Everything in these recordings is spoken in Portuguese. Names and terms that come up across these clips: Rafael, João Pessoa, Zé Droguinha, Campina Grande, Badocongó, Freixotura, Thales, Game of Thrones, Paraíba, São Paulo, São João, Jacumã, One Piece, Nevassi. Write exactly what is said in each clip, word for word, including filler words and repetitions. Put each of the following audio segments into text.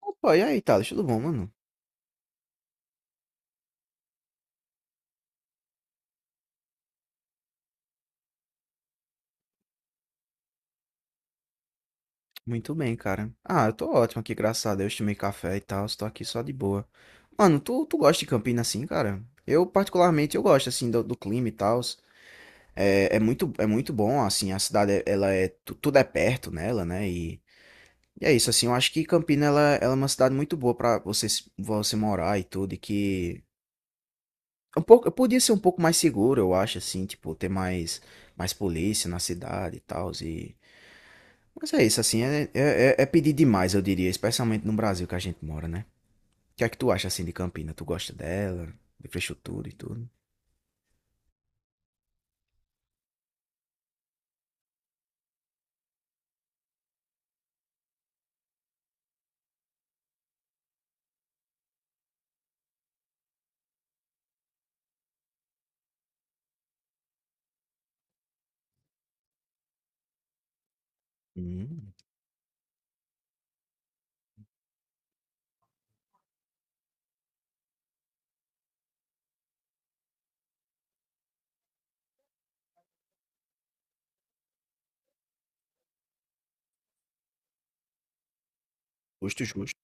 Opa, e aí, Thales? Tudo bom, mano? Muito bem, cara. Ah, eu tô ótimo aqui, graças a Deus. Tomei café e tal, estou aqui só de boa. Mano, tu, tu gosta de Campina assim, cara? Eu, particularmente, eu gosto, assim, do, do clima e tal. É, é muito, é muito bom, assim, a cidade, é- ela é... tu- Tudo é perto nela, né? E, e é isso, assim, eu acho que Campina, ela, ela é uma cidade muito boa pra você, se- você morar e tudo, e que... Um pouco, eu podia ser um pouco mais seguro, eu acho, assim, tipo, ter mais, mais polícia na cidade e tal. Mas é isso, assim, é, é, é é pedir demais, eu diria, especialmente no Brasil que a gente mora, né? O que é que tu acha, assim, de Campina? Tu gosta dela, de Freixotura e tudo? Hum, Justo, justo.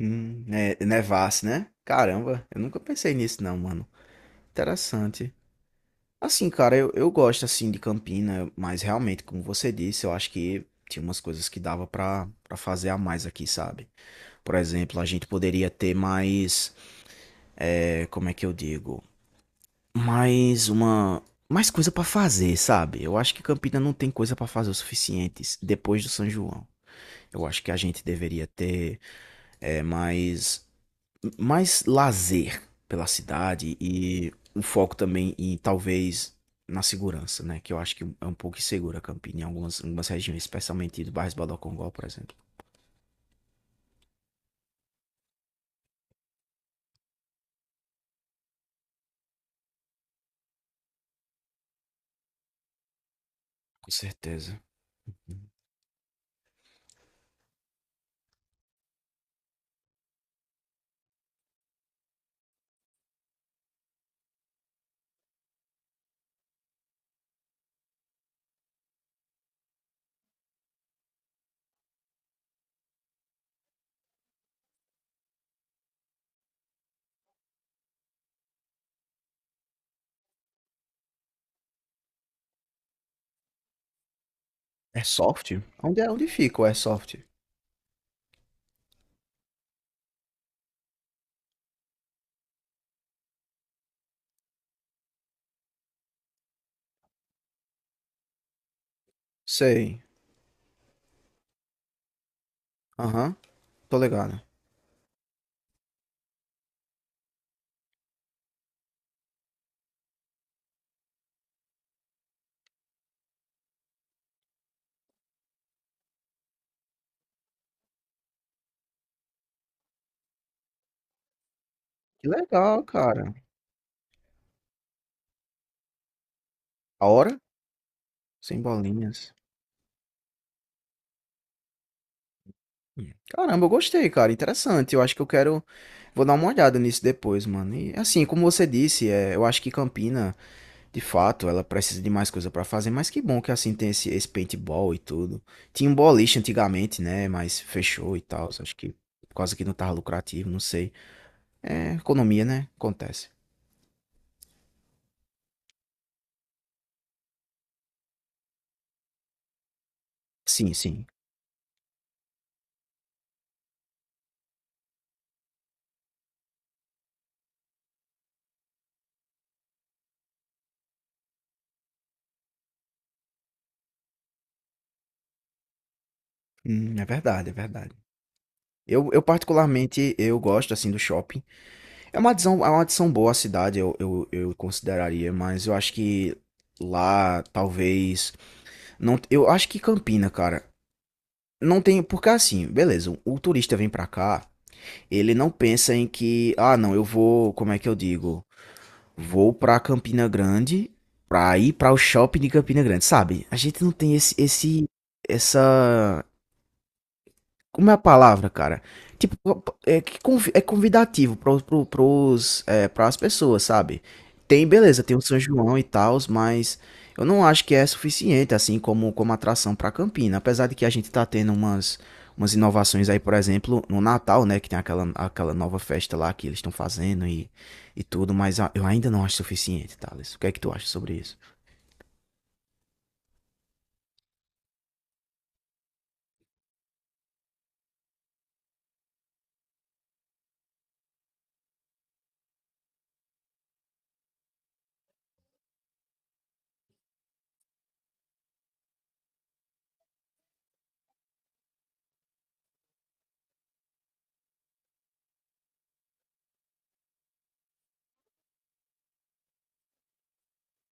Hum, é, Nevassi, né? Caramba, eu nunca pensei nisso não, mano. Interessante. Assim, cara, eu, eu gosto, assim, de Campina, mas realmente, como você disse, eu acho que tinha umas coisas que dava pra, pra fazer a mais aqui, sabe? Por exemplo, a gente poderia ter mais, é, como é que eu digo? Mais uma. Mais coisa pra fazer, sabe? Eu acho que Campina não tem coisa pra fazer o suficiente depois do São João. Eu acho que a gente deveria ter é, mais. Mais lazer pela cidade e um foco também em talvez na segurança, né? Que eu acho que é um pouco insegura Campina em algumas, em algumas regiões, especialmente do bairro Badocongó, por exemplo. Com certeza. Airsoft? Onde é? Onde fica o Airsoft? Sei. Aham, tô ligado. Que legal, cara. A hora? Sem bolinhas. Hum. Caramba, eu gostei, cara. Interessante. Eu acho que eu quero. Vou dar uma olhada nisso depois, mano. E assim, como você disse, é, eu acho que Campina, de fato, ela precisa de mais coisa pra fazer. Mas que bom que assim tem esse, esse paintball e tudo. Tinha um boliche antigamente, né? Mas fechou e tal. Acho que por causa que não tava lucrativo, não sei. É, economia, né? Acontece. Sim, sim. Hum, é verdade, é verdade. Eu, eu particularmente, eu gosto assim do shopping. É uma adição, é uma adição boa à cidade, eu, eu, eu consideraria, mas eu acho que lá, talvez. Não. Eu acho que Campina, cara. Não tem. Porque assim, beleza, o turista vem pra cá, ele não pensa em que. Ah, não, eu vou. Como é que eu digo? Vou pra Campina Grande pra ir pra o shopping de Campina Grande, sabe? A gente não tem esse, esse, essa, Como é a palavra, cara? Tipo, é, que convi- é convidativo pro, pro, pros, é, pras pessoas, sabe? Tem, beleza, tem o São João e tal, mas eu não acho que é suficiente, assim, como, como atração pra Campina. Apesar de que a gente tá tendo umas, umas inovações aí, por exemplo, no Natal, né? Que tem aquela, aquela nova festa lá que eles estão fazendo e, e tudo, mas a- eu ainda não acho suficiente, Thales. O que é que tu acha sobre isso?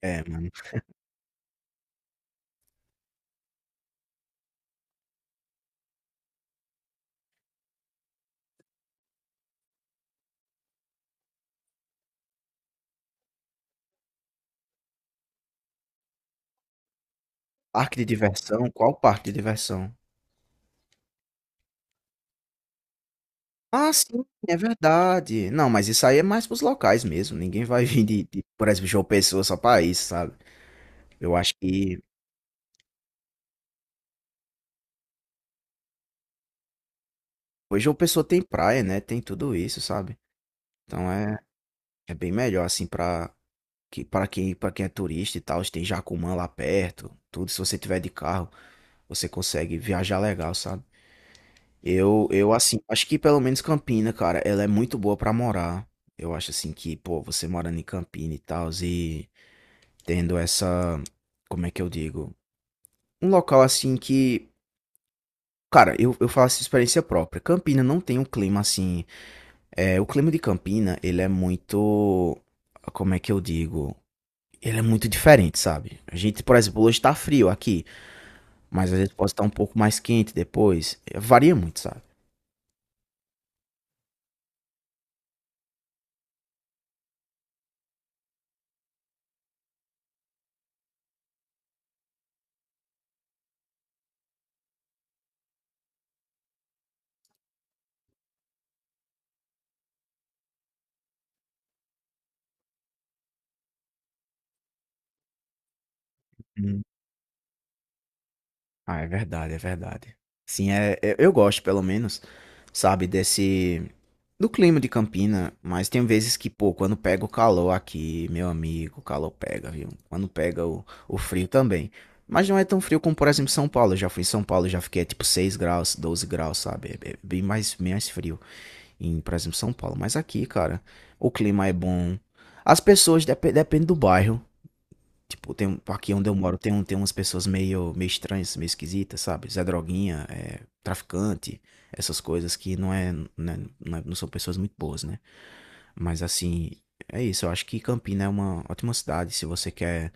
É, mano. Parque de diversão? Qual parque de diversão? Ah, sim, é verdade. Não, mas isso aí é mais pros locais mesmo. Ninguém vai vir de, de, por exemplo, João Pessoa só pra isso, sabe? Eu acho que. Pois João Pessoa tem praia, né? Tem tudo isso, sabe? Então é, é bem melhor, assim, pra, que, pra, quem, pra quem é turista e tal. Tem Jacumã lá perto, tudo. Se você tiver de carro, você consegue viajar legal, sabe? Eu, eu, assim, acho que pelo menos Campina, cara, ela é muito boa pra morar. Eu acho, assim, que, pô, você morando em Campina e tal, e tendo essa. Como é que eu digo? Um local assim que. Cara, eu, eu falo faço experiência própria. Campina não tem um clima assim. É, o clima de Campina, ele é muito. Como é que eu digo? Ele é muito diferente, sabe? A gente, por exemplo, hoje tá frio aqui, mas às vezes pode estar um pouco mais quente depois. É, varia muito, sabe? Hum. Ah, é verdade, é verdade. Sim, é, é- eu gosto, pelo menos, sabe, desse. Do clima de Campina, mas tem vezes que, pô, quando pega o calor aqui, meu amigo, o calor pega, viu? Quando pega o, o frio também. Mas não é tão frio como, por exemplo, São Paulo. Eu já fui em São Paulo, já fiquei tipo seis graus, doze graus, sabe? É é bem mais, bem mais frio em, por exemplo, São Paulo. Mas aqui, cara, o clima é bom. As pessoas, dep depende do bairro. Tipo, tem, um, aqui onde eu moro tem, um- tem umas pessoas meio, meio estranhas, meio esquisitas, sabe? Zé Droguinha, é, traficante, essas coisas que não é, não é- não é- não são pessoas muito boas, né? Mas assim, é isso. Eu acho que Campina é uma ótima cidade se você quer,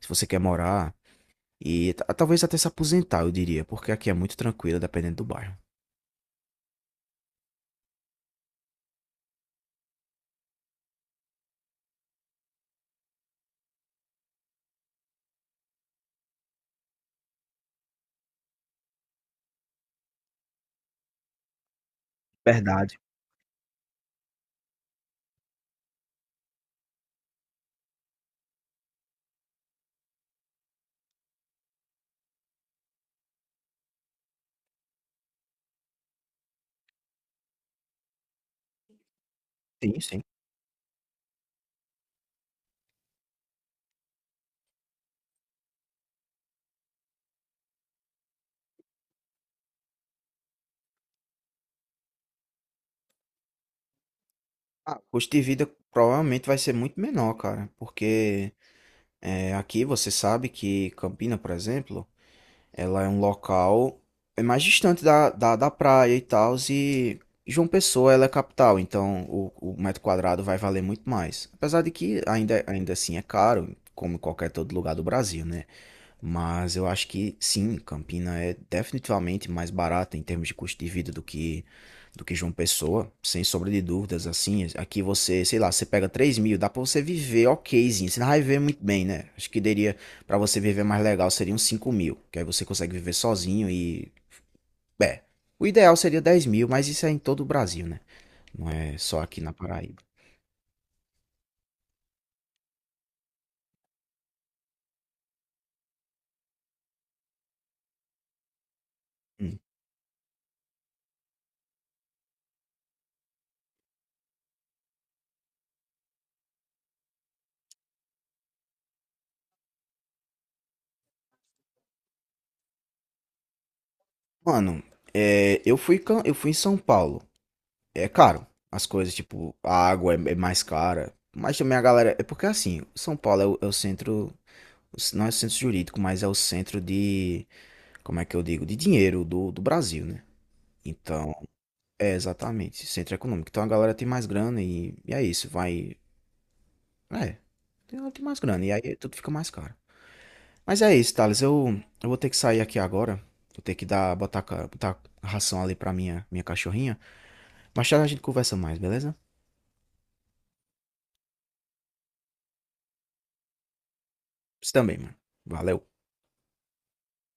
se você quer morar e ta- talvez até se aposentar, eu diria, porque aqui é muito tranquilo, dependendo do bairro. Verdade. Sim, sim. Ah, o custo de vida provavelmente vai ser muito menor, cara, porque é, aqui você sabe que Campina, por exemplo. Ela é um local, é mais distante da, da, da praia e tal, e João Pessoa ela é capital, então o, o metro quadrado vai valer muito mais. Apesar de que ainda, ainda assim é caro, como em qualquer todo lugar do Brasil, né? Mas eu acho que sim, Campina é definitivamente mais barata em termos de custo de vida do que do que João Pessoa, sem sombra de dúvidas. Assim, aqui você, sei lá, você pega três mil, dá pra você viver okzinho, você não vai viver muito bem, né? Acho que daria, pra você viver mais legal, seriam cinco mil, que aí você consegue viver sozinho e, é, o ideal seria dez mil, mas isso é em todo o Brasil, né? Não é só aqui na Paraíba. Hum. Mano, é, eu fui, cam- eu fui em São Paulo, é caro. As coisas, tipo, a água é, é mais cara. Mas também a galera. É porque assim, São Paulo é o, é o centro. Não é o centro jurídico, mas é o centro de. Como é que eu digo? De dinheiro do, do Brasil, né? Então, é exatamente, centro econômico. Então a galera tem mais grana e, e é isso, vai. É, ela tem mais grana e aí tudo fica mais caro. Mas é isso, Thales. Eu, eu vou ter que sair aqui agora. Vou ter que dar, botar, ca- botar ração ali pra minha, minha cachorrinha. Mas já a gente conversa mais, beleza? Você também, mano. Valeu.